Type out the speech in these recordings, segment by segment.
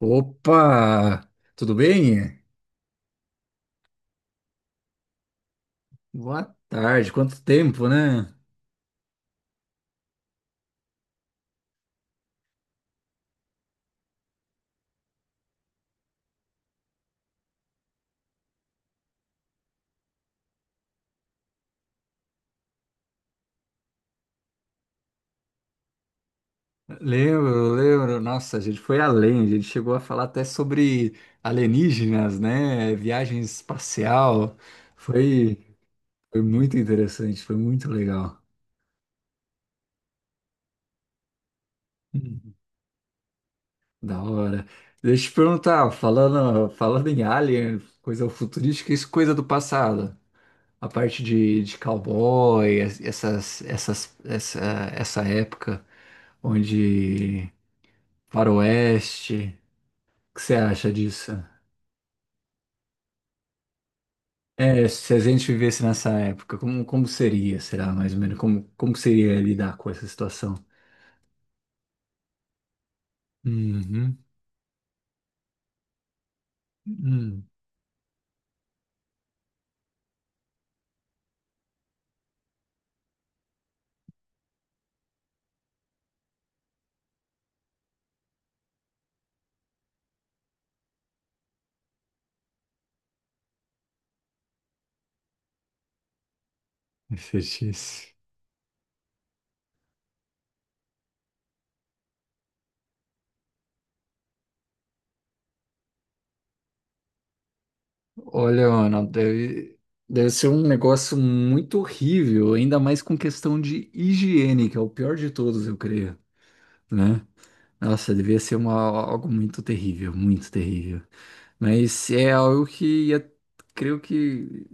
Opa! Tudo bem? Boa tarde, quanto tempo, né? Lembro, lembro. Nossa, a gente foi além, a gente chegou a falar até sobre alienígenas, né? Viagem espacial. Foi, foi muito interessante, foi muito legal. Hum. Da hora. Deixa eu te perguntar, falando em alien, coisa futurística, isso é coisa do passado. A parte de cowboy, essa época onde faroeste, o que você acha disso? É, se a gente vivesse nessa época, como, como seria, será, mais ou menos? Como, como seria lidar com essa situação? Uhum. Hum, fetiche. Olha, Ana, deve ser um negócio muito horrível, ainda mais com questão de higiene, que é o pior de todos, eu creio, né? Nossa, devia ser uma, algo muito terrível, muito terrível. Mas é algo que ia, creio que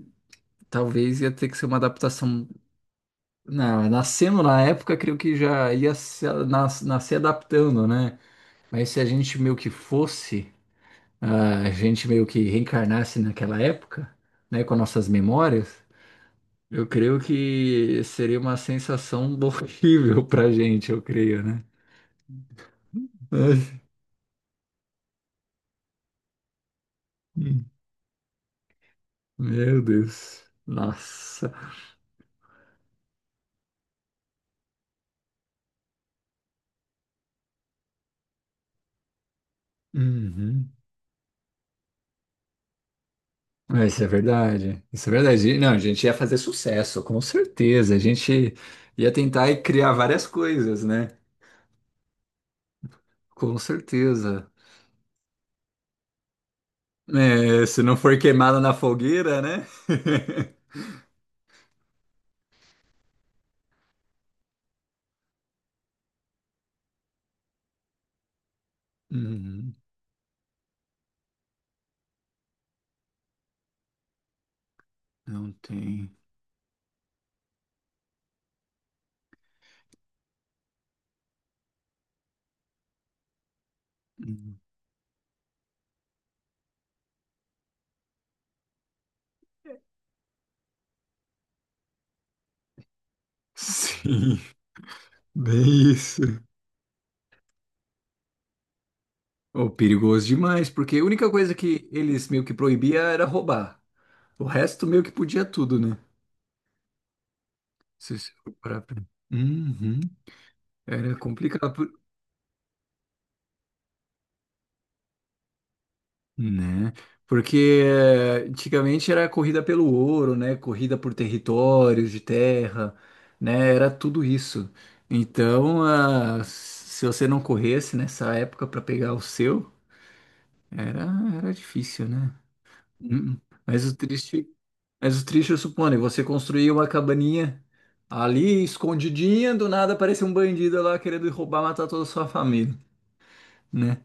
talvez ia ter que ser uma adaptação. Não, nascendo na época, creio que já ia se, nas, nascer adaptando, né? Mas se a gente meio que fosse, ah, a gente meio que reencarnasse naquela época, né, com nossas memórias, eu creio que seria uma sensação horrível pra gente, eu creio, né? Meu Deus. Nossa. Uhum. É, isso é verdade. Isso é verdade. E, não, a gente ia fazer sucesso, com certeza. A gente ia tentar e criar várias coisas, né? Com certeza. É, se não for queimado na fogueira, né? Uhum. Não tem. Uhum. Sim, bem isso. Oh, perigoso demais, porque a única coisa que eles meio que proibia era roubar. O resto meio que podia tudo, né? Se você for parar pra- Uhum. Era complicado. Né? Porque antigamente era corrida pelo ouro, né? Corrida por territórios de terra, né? Era tudo isso. Então, ah, se você não corresse nessa época para pegar o seu, era, era difícil, né? Hum. Mas o triste, mas o triste, eu suponho, é você construiu uma cabaninha ali escondidinha, do nada aparece um bandido lá querendo roubar, matar toda a sua família, né?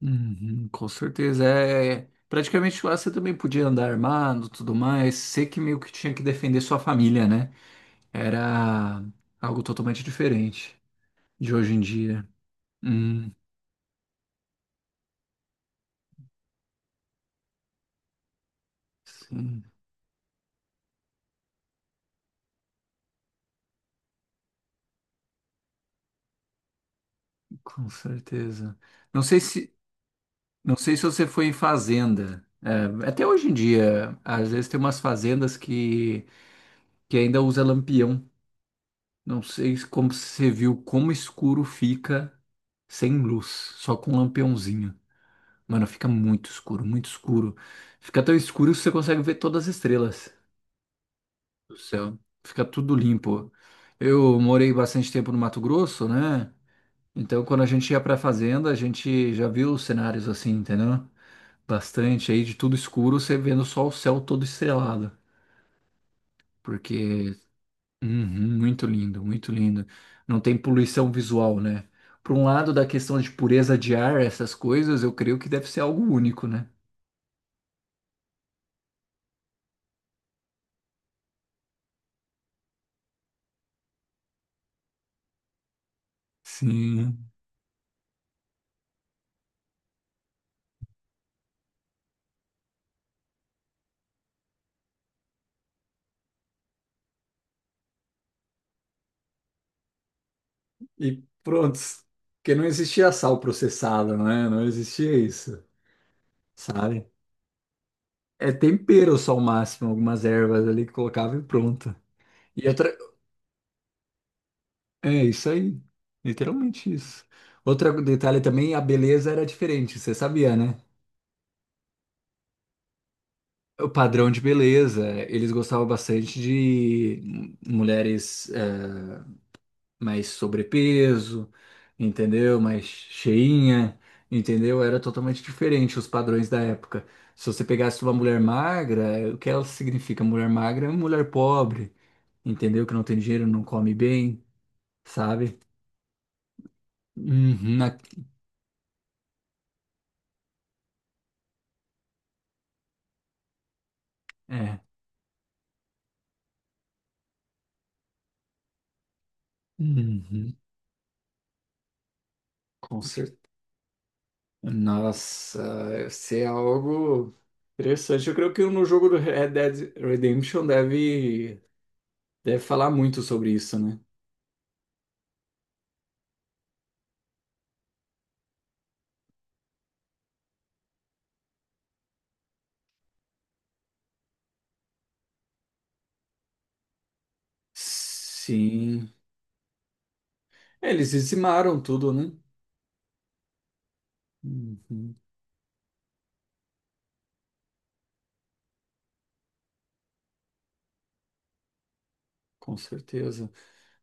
Uhum, com certeza. É, praticamente lá você também podia andar armado, tudo mais. Você que meio que tinha que defender sua família, né? Era algo totalmente diferente de hoje em dia. Hum, sim, com certeza. Não sei se, não sei se você foi em fazenda. É, até hoje em dia, às vezes tem umas fazendas que ainda usa lampião. Não sei se- como você viu como escuro fica sem luz, só com um lampiãozinho. Mano, fica muito escuro, muito escuro. Fica tão escuro que você consegue ver todas as estrelas do céu. Fica tudo limpo. Eu morei bastante tempo no Mato Grosso, né? Então, quando a gente ia pra fazenda, a gente já viu os cenários assim, entendeu? Bastante aí de tudo escuro, você vendo só o céu todo estrelado. Porque, uhum, muito lindo, muito lindo. Não tem poluição visual, né? Por um lado, da questão de pureza de ar, essas coisas, eu creio que deve ser algo único, né? Sim. E pronto, porque não existia sal processado, não é? Não existia isso, sabe? É tempero só o máximo, algumas ervas ali que colocava e pronto. E outra, é isso aí, literalmente isso. Outro detalhe também, a beleza era diferente, você sabia, né? O padrão de beleza, eles gostavam bastante de mulheres mais sobrepeso, entendeu? Mais cheinha, entendeu? Era totalmente diferente os padrões da época. Se você pegasse uma mulher magra, é, o que ela significa? Mulher magra é uma mulher pobre, entendeu? Que não tem dinheiro, não come bem, sabe? Uhum, a- é. Uhum, com certeza. Nossa, isso é algo interessante. Eu creio que no jogo do Red Dead Redemption deve falar muito sobre isso, né? Sim. É, eles dizimaram tudo, né? Uhum, com certeza.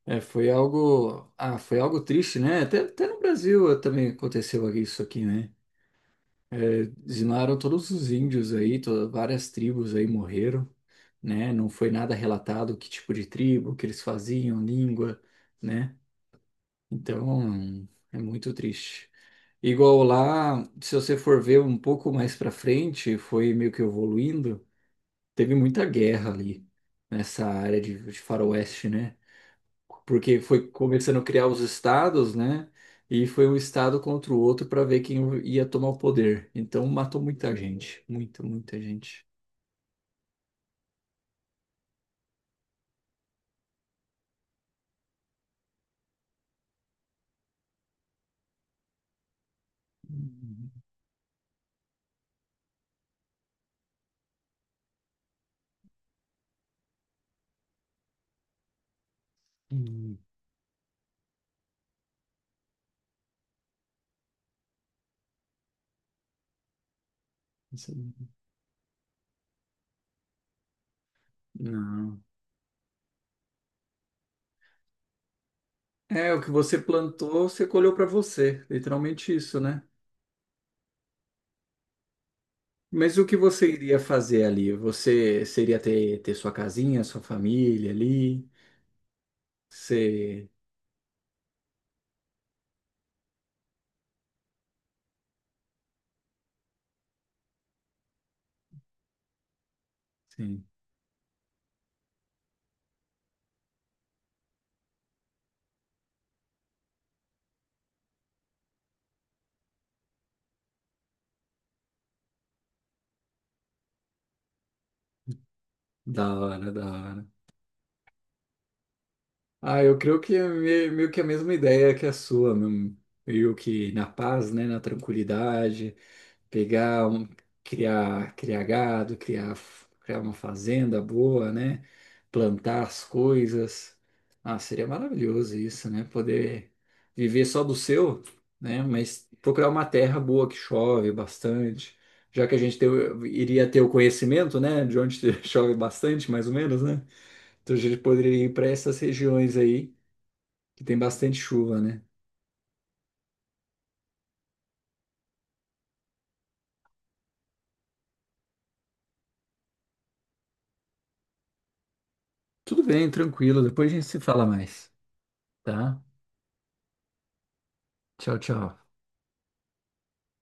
É, foi algo, ah, foi algo triste, né? Até no Brasil também aconteceu isso aqui, né? É, dizimaram todos os índios aí, to- várias tribos aí morreram, né? Não foi nada relatado que tipo de tribo, o que eles faziam, língua, né? Então, é muito triste. Igual lá, se você for ver um pouco mais para frente, foi meio que evoluindo. Teve muita guerra ali nessa área de faroeste, né? Porque foi começando a criar os estados, né? E foi um estado contra o outro para ver quem ia tomar o poder. Então matou muita gente, muita, muita gente. Hum, hum, isso aí. Não. É, o que você plantou, você colheu para você, literalmente isso, né? Mas o que você iria fazer ali? Você seria ter sua casinha, sua família ali? Você... Sim, da hora, da hora. Ah, eu creio que é meio que a mesma ideia que a sua, num- meio que na paz, né, na tranquilidade, pegar, um, criar gado, criar uma fazenda boa, né, plantar as coisas. Ah, seria maravilhoso isso, né, poder viver só do seu, né, mas procurar uma terra boa que chove bastante, já que a gente tem o- iria ter o conhecimento, né, de onde chove bastante, mais ou menos, né, então a gente poderia ir para essas regiões aí que tem bastante chuva, né? Tudo bem, tranquilo. Depois a gente se fala mais, tá? Tchau, tchau.